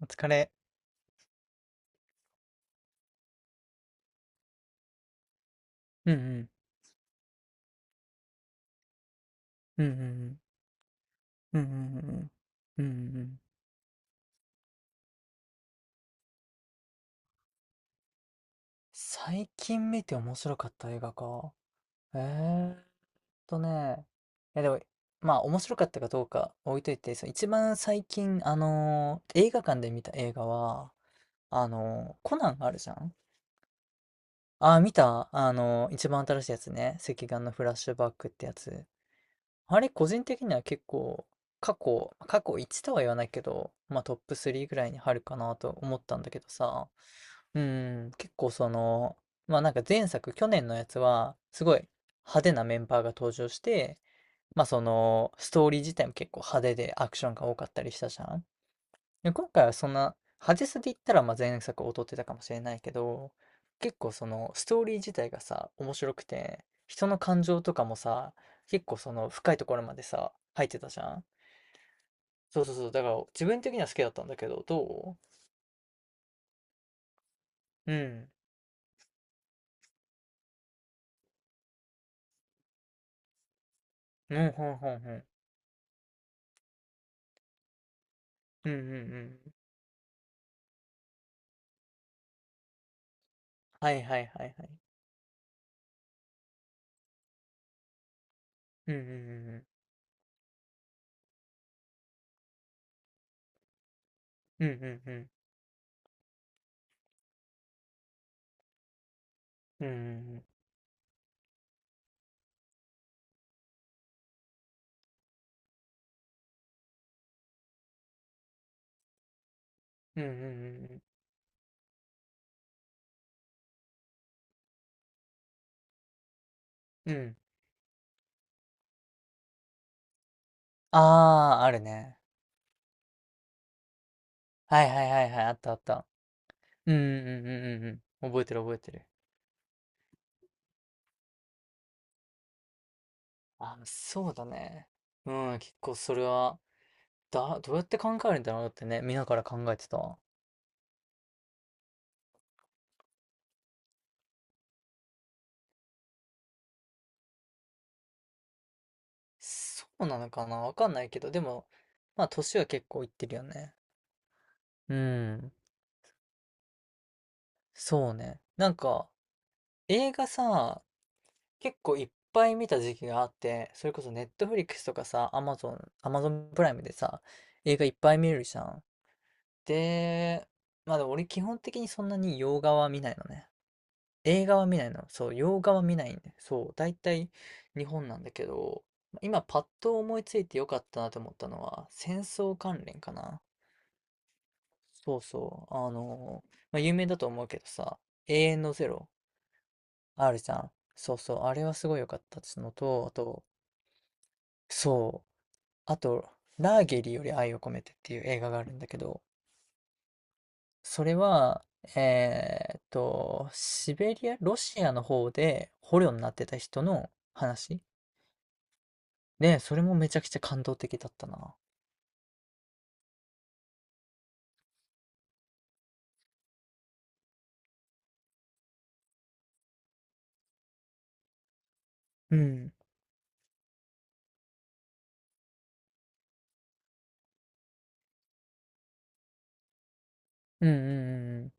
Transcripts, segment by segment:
お疲れ。うんうんうんうんうんうんうんうんうんうんうん。最近見て面白かった映画か。えーっとね。いやでも、まあ面白かったかどうか置いといて、その一番最近、映画館で見た映画は、コナンあるじゃん。ああー、見た一番新しいやつね。赤眼のフラッシュバックってやつ。あれ、個人的には結構、過去1とは言わないけど、まあトップ3ぐらいに入るかなと思ったんだけどさ。うん、結構その、まあなんか前作、去年のやつは、すごい派手なメンバーが登場して、まあその、ストーリー自体も結構派手でアクションが多かったりしたじゃん。で、今回はそんな、派手さで言ったら、まあ前作劣ってたかもしれないけど、結構その、ストーリー自体がさ、面白くて、人の感情とかもさ、結構その、深いところまでさ、入ってたじゃん。そうそうそう、だから自分的には好きだったんだけど、どううん。うん、ほんほんほん。うんうんうん。はいはいはいはい。うんうんうんうん。うんうんうん。うんうんうんうん。うん。ああ、あるね。はいはいはいはい。あったあった。うんうんうんうんうん。覚えてる覚えてる。あ、そうだね。うん、結構それは、だ、どうやって考えるんだろうってね、見ながら考えてた。そうなのかなわかんないけど、でも、まあ、年は結構いってるよね。うん。そうね。なんか、映画さ、結構いっぱい見た時期があって、それこそネットフリックスとかさ、アマゾン、アマゾンプライムでさ、映画いっぱい見るじゃん。で、まあでも俺基本的にそんなに洋画は見ないのね。映画は見ないの。そう、洋画は見ないんで。そう、大体日本なんだけど、今パッと思いついてよかったなと思ったのは、戦争関連かな。そうそう。まあ有名だと思うけどさ、永遠のゼロあるじゃん。そうそう、あれはすごい良かったっつのと、あと、そうあと、ラーゲリより愛を込めてっていう映画があるんだけど、それは、えーっと、シベリア、ロシアの方で捕虜になってた人の話で、それもめちゃくちゃ感動的だったな。うん。うんうんうん。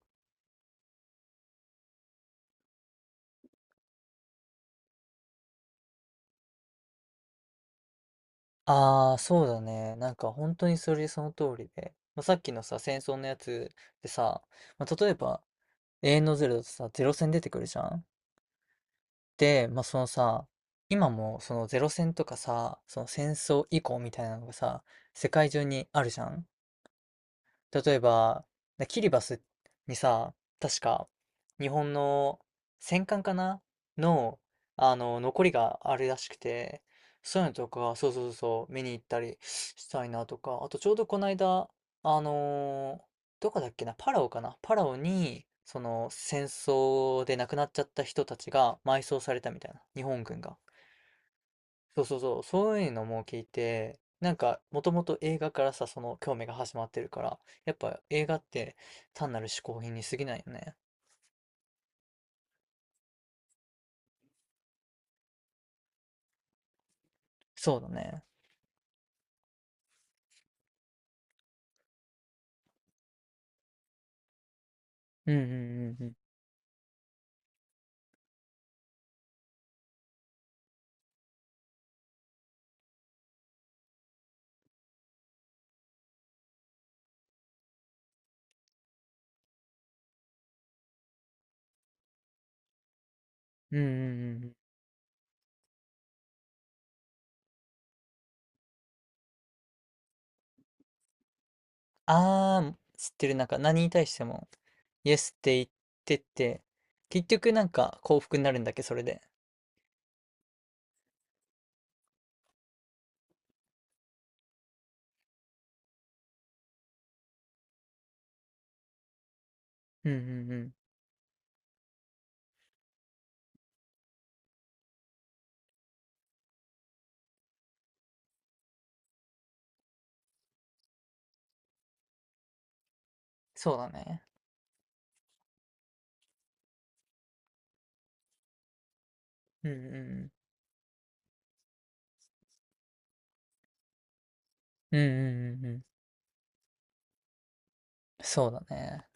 ああ、そうだね。なんか本当にそれその通りで。まあ、さっきのさ、戦争のやつでさ、まあ、例えば、永遠のゼロだとさ、ゼロ戦出てくるじゃん。で、まあ、そのさ、今もそのゼロ戦とかさ、その戦争以降みたいなのがさ、世界中にあるじゃん。例えば、なキリバスにさ、確か日本の戦艦かなの、あの、残りがあるらしくて、そういうのとか、そうそうそうそう、見に行ったりしたいなとか、あとちょうどこの間、あのーどこだっけな、パラオかなパラオに、その戦争で亡くなっちゃった人たちが埋葬されたみたいな、日本軍が。そうそうそう、そういうのも聞いて、なんか、もともと映画からさ、その興味が始まってるから、やっぱ映画って単なる嗜好品に過ぎないよね。そうだね。うんうんうんうん。うんうんうんうん。あー、知ってる。なんか何に対しても、イエスって言ってて、結局なんか幸福になるんだっけ、それで。うんうんうん。そうだね。うんうんうん。うんうんうんうん。そうだね。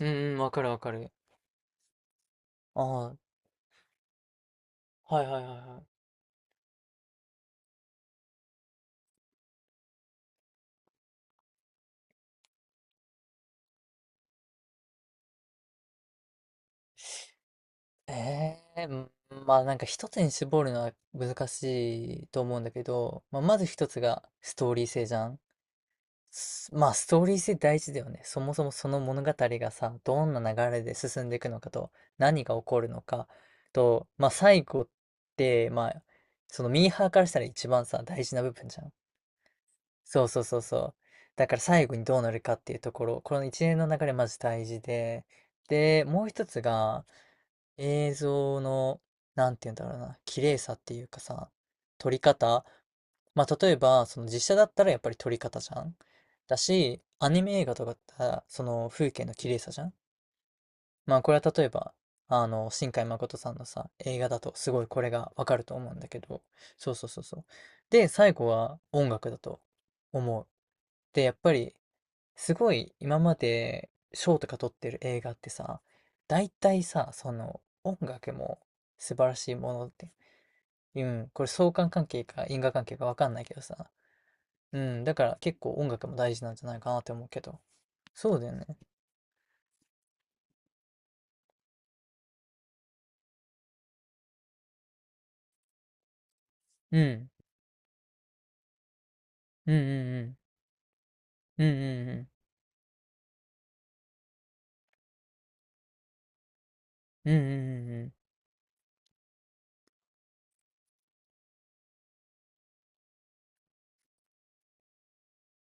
うんうん、わかるわかる。ああ、はいはいはいはい。ええー、まあなんか一つに絞るのは難しいと思うんだけど、まあ、まず一つがストーリー性じゃん。すまあストーリー性大事だよね。そもそもその物語がさ、どんな流れで進んでいくのかと、何が起こるのかと、まあ最後って、まあ、そのミーハーからしたら一番さ、大事な部分じゃん。そうそうそうそう。だから最後にどうなるかっていうところ、この一連の流れマジ大事で、で、もう一つが、映像の、なんて言うんだろうな、綺麗さっていうかさ、撮り方。まあ、例えば、その実写だったらやっぱり撮り方じゃん。だし、アニメ映画とかだったら、その風景の綺麗さじゃん。まあ、これは例えば、あの、新海誠さんのさ、映画だとすごいこれがわかると思うんだけど、そうそうそうそう。で、最後は音楽だと思う。で、やっぱりすごい今まで賞とか取ってる映画ってさ、大体さ、その音楽も素晴らしいものって、うん、これ相関関係か因果関係かわかんないけどさ、うん、だから結構音楽も大事なんじゃないかなって思うけど、そうだよね。うん、うんうんうん、うんうんうん、うんうんうん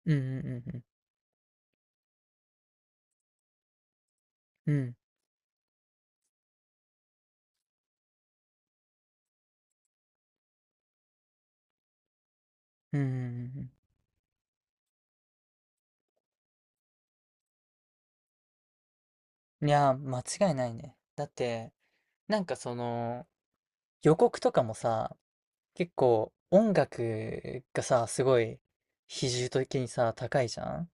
うん、うんうんうんうん、うんうんうんうん。いやー、間違いないね。だって、なんかその、予告とかもさ、結構音楽がさ、すごい比重的にさ、高いじゃん。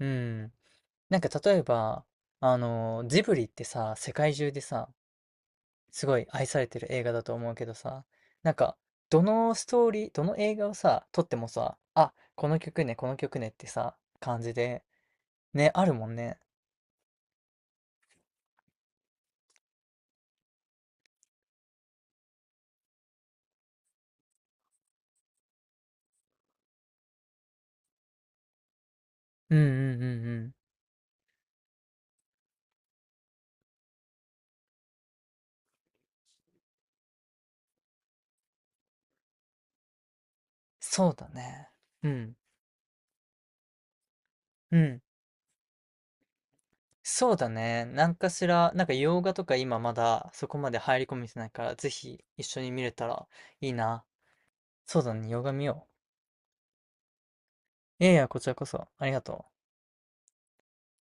うん。なんか例えば、あの、ジブリってさ、世界中でさ、すごい愛されてる映画だと思うけどさ、なんか、どのストーリー、どの映画をさ、撮ってもさ、あ、この曲ね、この曲ねってさ、感じで、ね、あるもんね。うんうんうんうん。そうだね。うん。うん。そうだね。なんかしら、なんか洋画とか今まだそこまで入り込めてないから、ぜひ一緒に見れたらいいな。そうだね、洋画見よう。いやいや、こちらこそ。ありがとう。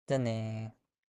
じゃあねー。